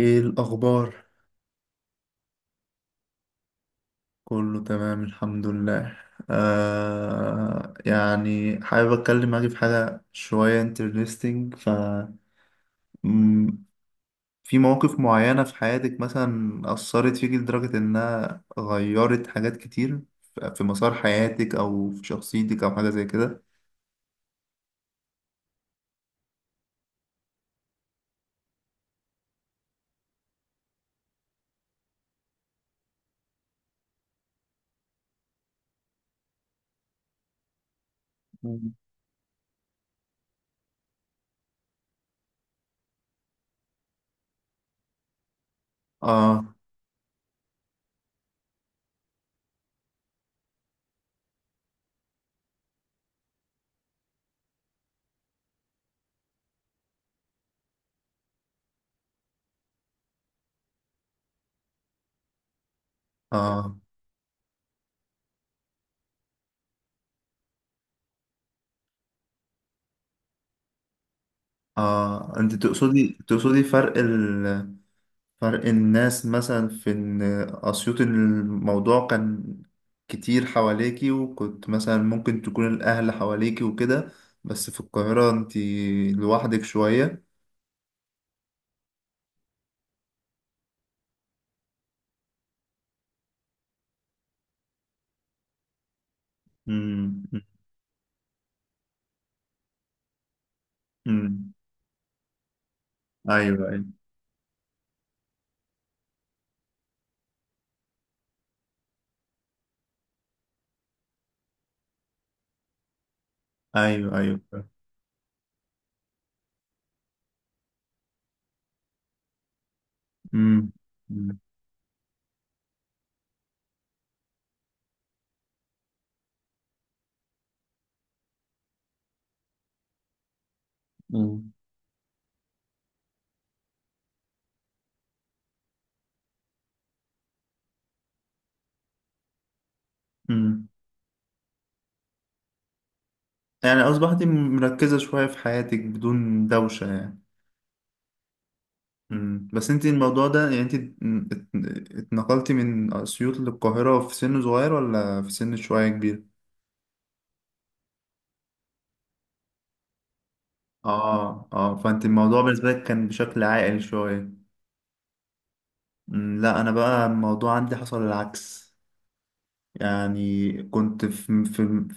ايه الاخبار؟ كله تمام الحمد لله. يعني حابب اتكلم معاكي في حاجه شويه انترستينج ف مم، في مواقف معينه في حياتك مثلا اثرت فيكي لدرجه انها غيرت حاجات كتير، في مسار حياتك او في شخصيتك او حاجه زي كده. مم. اه، اه، اه، انت تقصدي فرق، فرق الناس مثلا في إن أسيوط الموضوع كان كتير حواليكي، وكنت مثلا ممكن تكون الأهل حواليكي وكده، بس في القاهرة انتي لوحدك شوية. مم. مم. أيوه، أيوه. أيوه، أيوه. مم. مم. مم. مم. يعني أصبحتي مركزة شوية في حياتك بدون دوشة يعني. مم. بس انتي الموضوع ده، يعني، انتي ات- اتنقلتي من أسيوط للقاهرة في سن صغير، ولا في سن شوية كبير؟ اه، اه، فانت الموضوع بالنسبة لك كان بشكل عائل شوية. لا انا بقى الموضوع عندي حصل العكس. يعني كنت في, في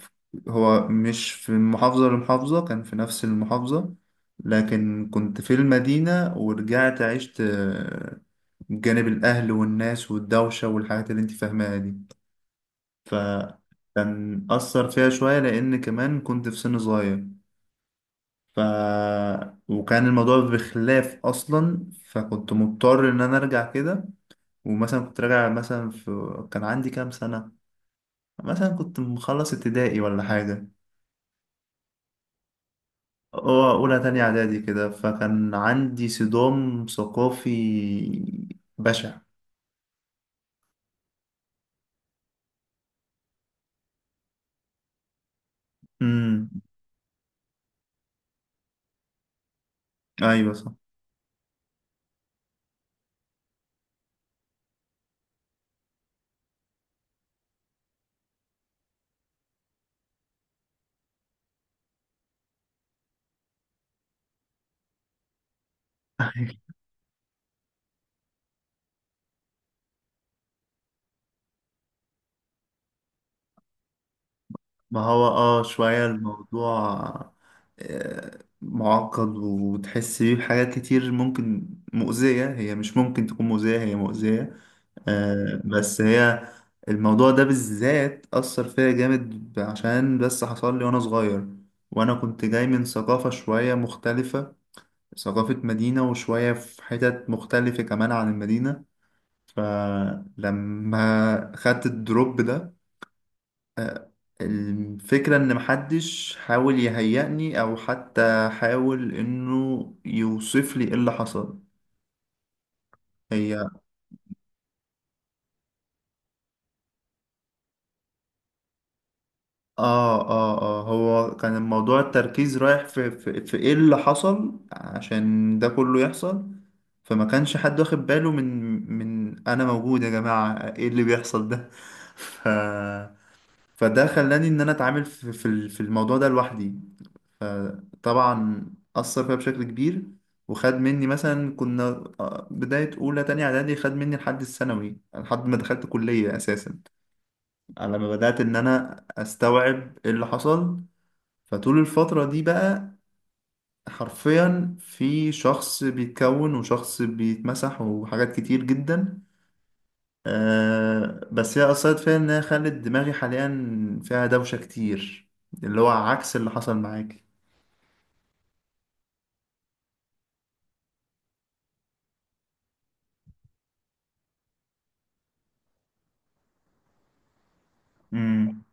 هو مش في محافظة لمحافظة، كان في نفس المحافظة. لكن كنت في المدينة ورجعت عشت جانب الاهل والناس والدوشة والحاجات اللي انت فاهماها دي. فكان أثر فيها شوية لأن كمان كنت في سن صغير. ف وكان الموضوع بخلاف اصلا، فكنت مضطر ان انا ارجع كده. ومثلا كنت راجع، مثلا، كان عندي كام سنة، مثلا كنت مخلص ابتدائي ولا حاجة. اه، اولى تانية اعدادي كده، فكان عندي صدام ثقافي بشع. امم، ايوه، صح. ما هو شوية الموضوع معقد، وتحس بيه بحاجات كتير ممكن مؤذية، هي مش ممكن تكون مؤذية، هي مؤذية. بس هي الموضوع ده بالذات أثر فيا جامد عشان بس حصل لي وأنا صغير، وأنا كنت جاي من ثقافة شوية مختلفة، ثقافة مدينة، وشوية في حتت مختلفة كمان عن المدينة. فلما خدت الدروب ده، الفكرة إن محدش حاول يهيئني أو حتى حاول إنه يوصف لي إيه اللي حصل. هي اه، اه، اه، هو كان الموضوع، التركيز رايح في في, في ايه اللي حصل عشان ده كله يحصل. فما كانش حد واخد باله من انا موجود يا جماعة، ايه اللي بيحصل ده؟ ف فده خلاني ان انا اتعامل في الموضوع ده لوحدي. فطبعا اثر فيا بشكل كبير. وخد مني، مثلا، كنا بداية أولى تانية إعدادي، خد مني لحد الثانوي، لحد ما دخلت كلية أساسا، على ما بدأت إن أنا أستوعب إيه اللي حصل. فطول الفترة دي بقى، حرفيا، في شخص بيتكون وشخص بيتمسح وحاجات كتير جدا. بس هي أثرت فيا إنها خلت دماغي حاليا فيها دوشة كتير، اللي هو عكس اللي حصل معاكي. امم،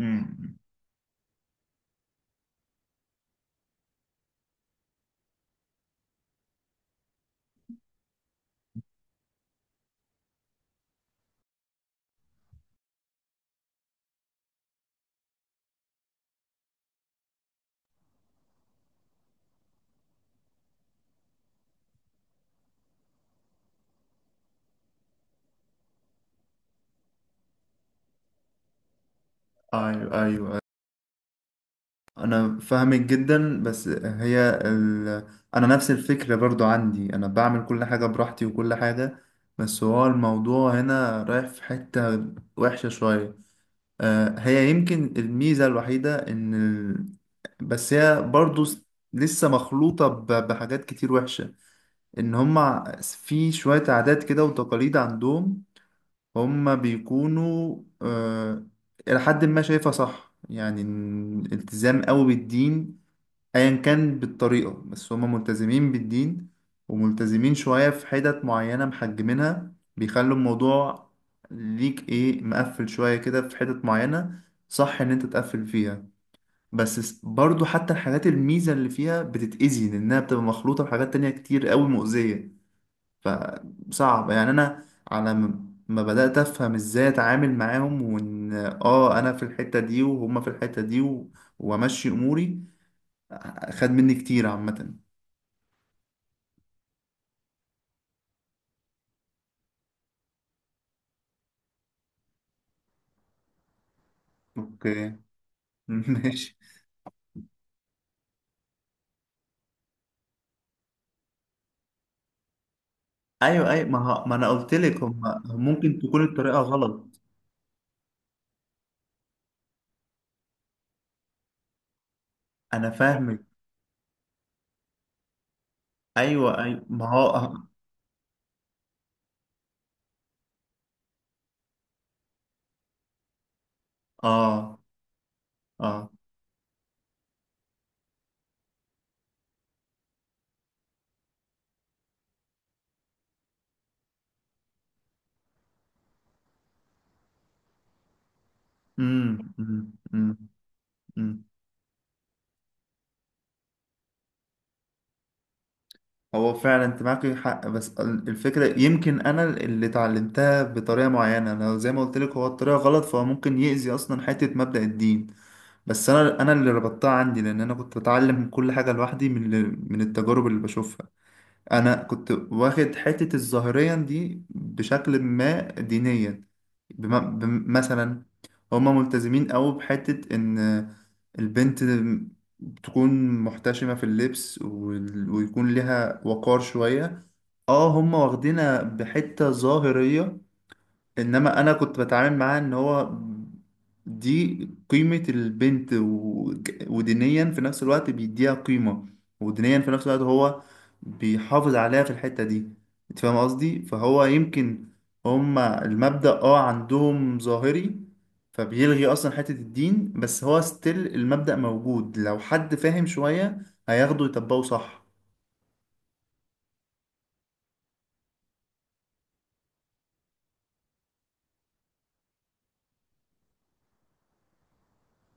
امم. أيوه، أيوه. أنا فاهمك جدا بس هي أنا نفس الفكرة برضو عندي، أنا بعمل كل حاجة براحتي وكل حاجة، بس هو الموضوع هنا رايح في حتة وحشة شوية. هي يمكن الميزة الوحيدة إن بس هي برضو لسه مخلوطة بحاجات كتير وحشة. إن هما في شوية عادات كده وتقاليد عندهم. هما بيكونوا إلى حد ما شايفها صح، يعني، إن التزام قوي بالدين، ايا كان بالطريقة، بس هما ملتزمين بالدين، وملتزمين شوية في حتت معينة محجمينها، بيخلوا الموضوع ليك ايه مقفل شوية كده في حتت معينة، صح ان انت تقفل فيها، بس برضو حتى الحاجات الميزة اللي فيها بتتأذي لأنها بتبقى مخلوطة بحاجات تانية كتير قوي مؤذية. فصعب يعني. أنا على ما بدأت أفهم إزاي أتعامل معاهم، وإن أنا في الحتة دي وهما في الحتة دي، وأمشي أموري. خد مني كتير عامة. اوكي. ماشي. ايوه، ايوه، ما انا قلت لك هم ممكن تكون الطريقة غلط. انا فاهمك. ايوه، ايوه. ما هو. اه، اه. امم، امم، امم. أمم. هو فعلا انت معاك حق. بس الفكرة يمكن انا اللي اتعلمتها بطريقة معينة، انا زي ما قلت لك هو الطريقة غلط، فهو ممكن يأذي اصلا حتة مبدأ الدين. بس انا اللي ربطتها عندي لان انا كنت بتعلم كل حاجة لوحدي من التجارب اللي بشوفها. انا كنت واخد حتة الظاهريا دي بشكل ما دينيا. مثلا، هما ملتزمين أوي بحتة ان البنت تكون محتشمة في اللبس ويكون ليها وقار شوية. اه، هما واخدينها بحتة ظاهرية. انما انا كنت بتعامل معاه ان هو دي قيمة البنت ودينيا في نفس الوقت بيديها قيمة، ودينيا في نفس الوقت هو بيحافظ عليها في الحتة دي. انت فاهم قصدي؟ فهو يمكن هما المبدأ عندهم ظاهري، فبيلغي اصلا حتة الدين، بس هو ستيل المبدأ موجود، لو حد فاهم شوية هياخده يطبقه صح.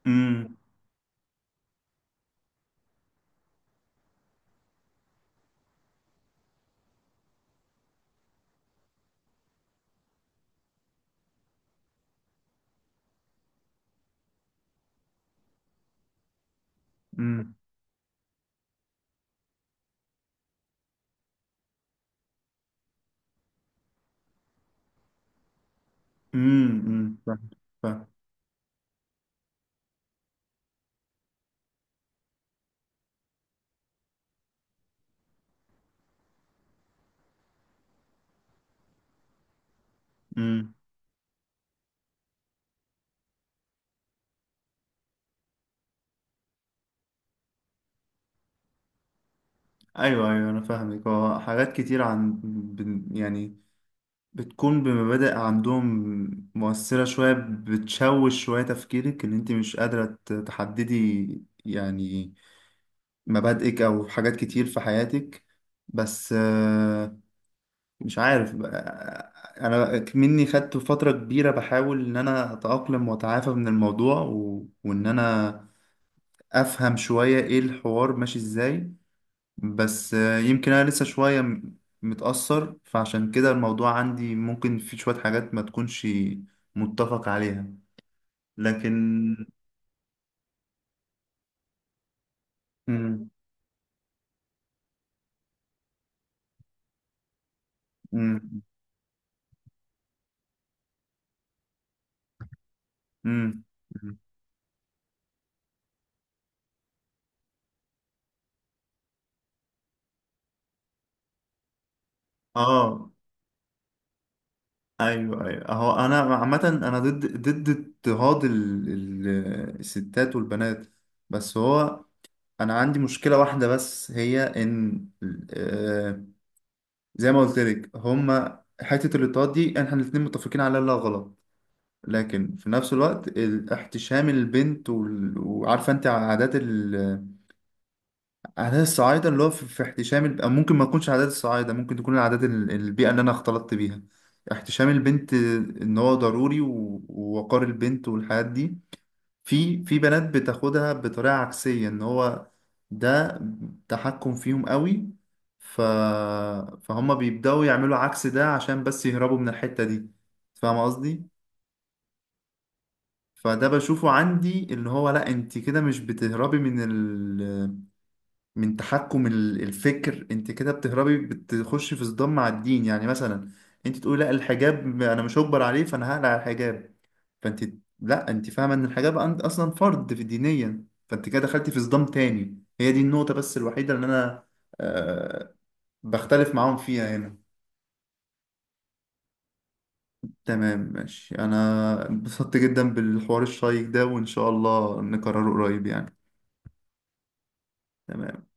امم، امم، امم. فاهم، فاهم. امم. ايوه، ايوه، انا فاهمك. هو حاجات كتير عن يعني، بتكون بمبادئ عندهم مؤثرة شوية، بتشوش شوية تفكيرك، ان انت مش قادرة تحددي، يعني، مبادئك او حاجات كتير في حياتك. بس مش عارف انا مني خدت فترة كبيرة بحاول ان انا اتأقلم واتعافى من الموضوع وان انا افهم شوية ايه الحوار ماشي ازاي. بس يمكن انا لسه شوية متأثر، فعشان كده الموضوع عندي ممكن في شوية حاجات ما تكونش متفق عليها. لكن مم. مم. مم. مم. اه. ايوه، ايوه، اهو انا عامة انا ضد اضطهاد الستات والبنات. بس هو انا عندي مشكلة واحدة بس هي ان، آه، زي ما قلت لك، هما حتة الاضطهاد دي احنا الاتنين متفقين عليها انها غلط. لكن في نفس الوقت احتشام البنت وعارفه انت عادات عادات الصعايده اللي هو في احتشام أو ممكن ما تكونش عادات الصعايده، ممكن تكون العادات البيئه اللي انا اختلطت بيها. احتشام البنت ان هو ضروري ووقار البنت والحاجات دي، في بنات بتاخدها بطريقه عكسيه ان هو ده تحكم فيهم قوي. ف... فهم بيبداوا يعملوا عكس ده عشان بس يهربوا من الحته دي. فاهم قصدي؟ فده بشوفه عندي اللي هو لا، انت كده مش بتهربي من من تحكم الفكر، انت كده بتهربي بتخشي في صدام مع الدين، يعني مثلا، انت تقولي لا الحجاب انا مش هجبر عليه فانا هقلع الحجاب. فانت، لا، انت فاهمه ان الحجاب اصلا فرض في دينيا، فانت كده دخلتي في صدام تاني. هي دي النقطه بس الوحيده اللي انا أه بختلف معاهم فيها هنا. تمام، ماشي، انا انبسطت جدا بالحوار الشيق ده، وان شاء الله نكرره قريب يعني. تمام.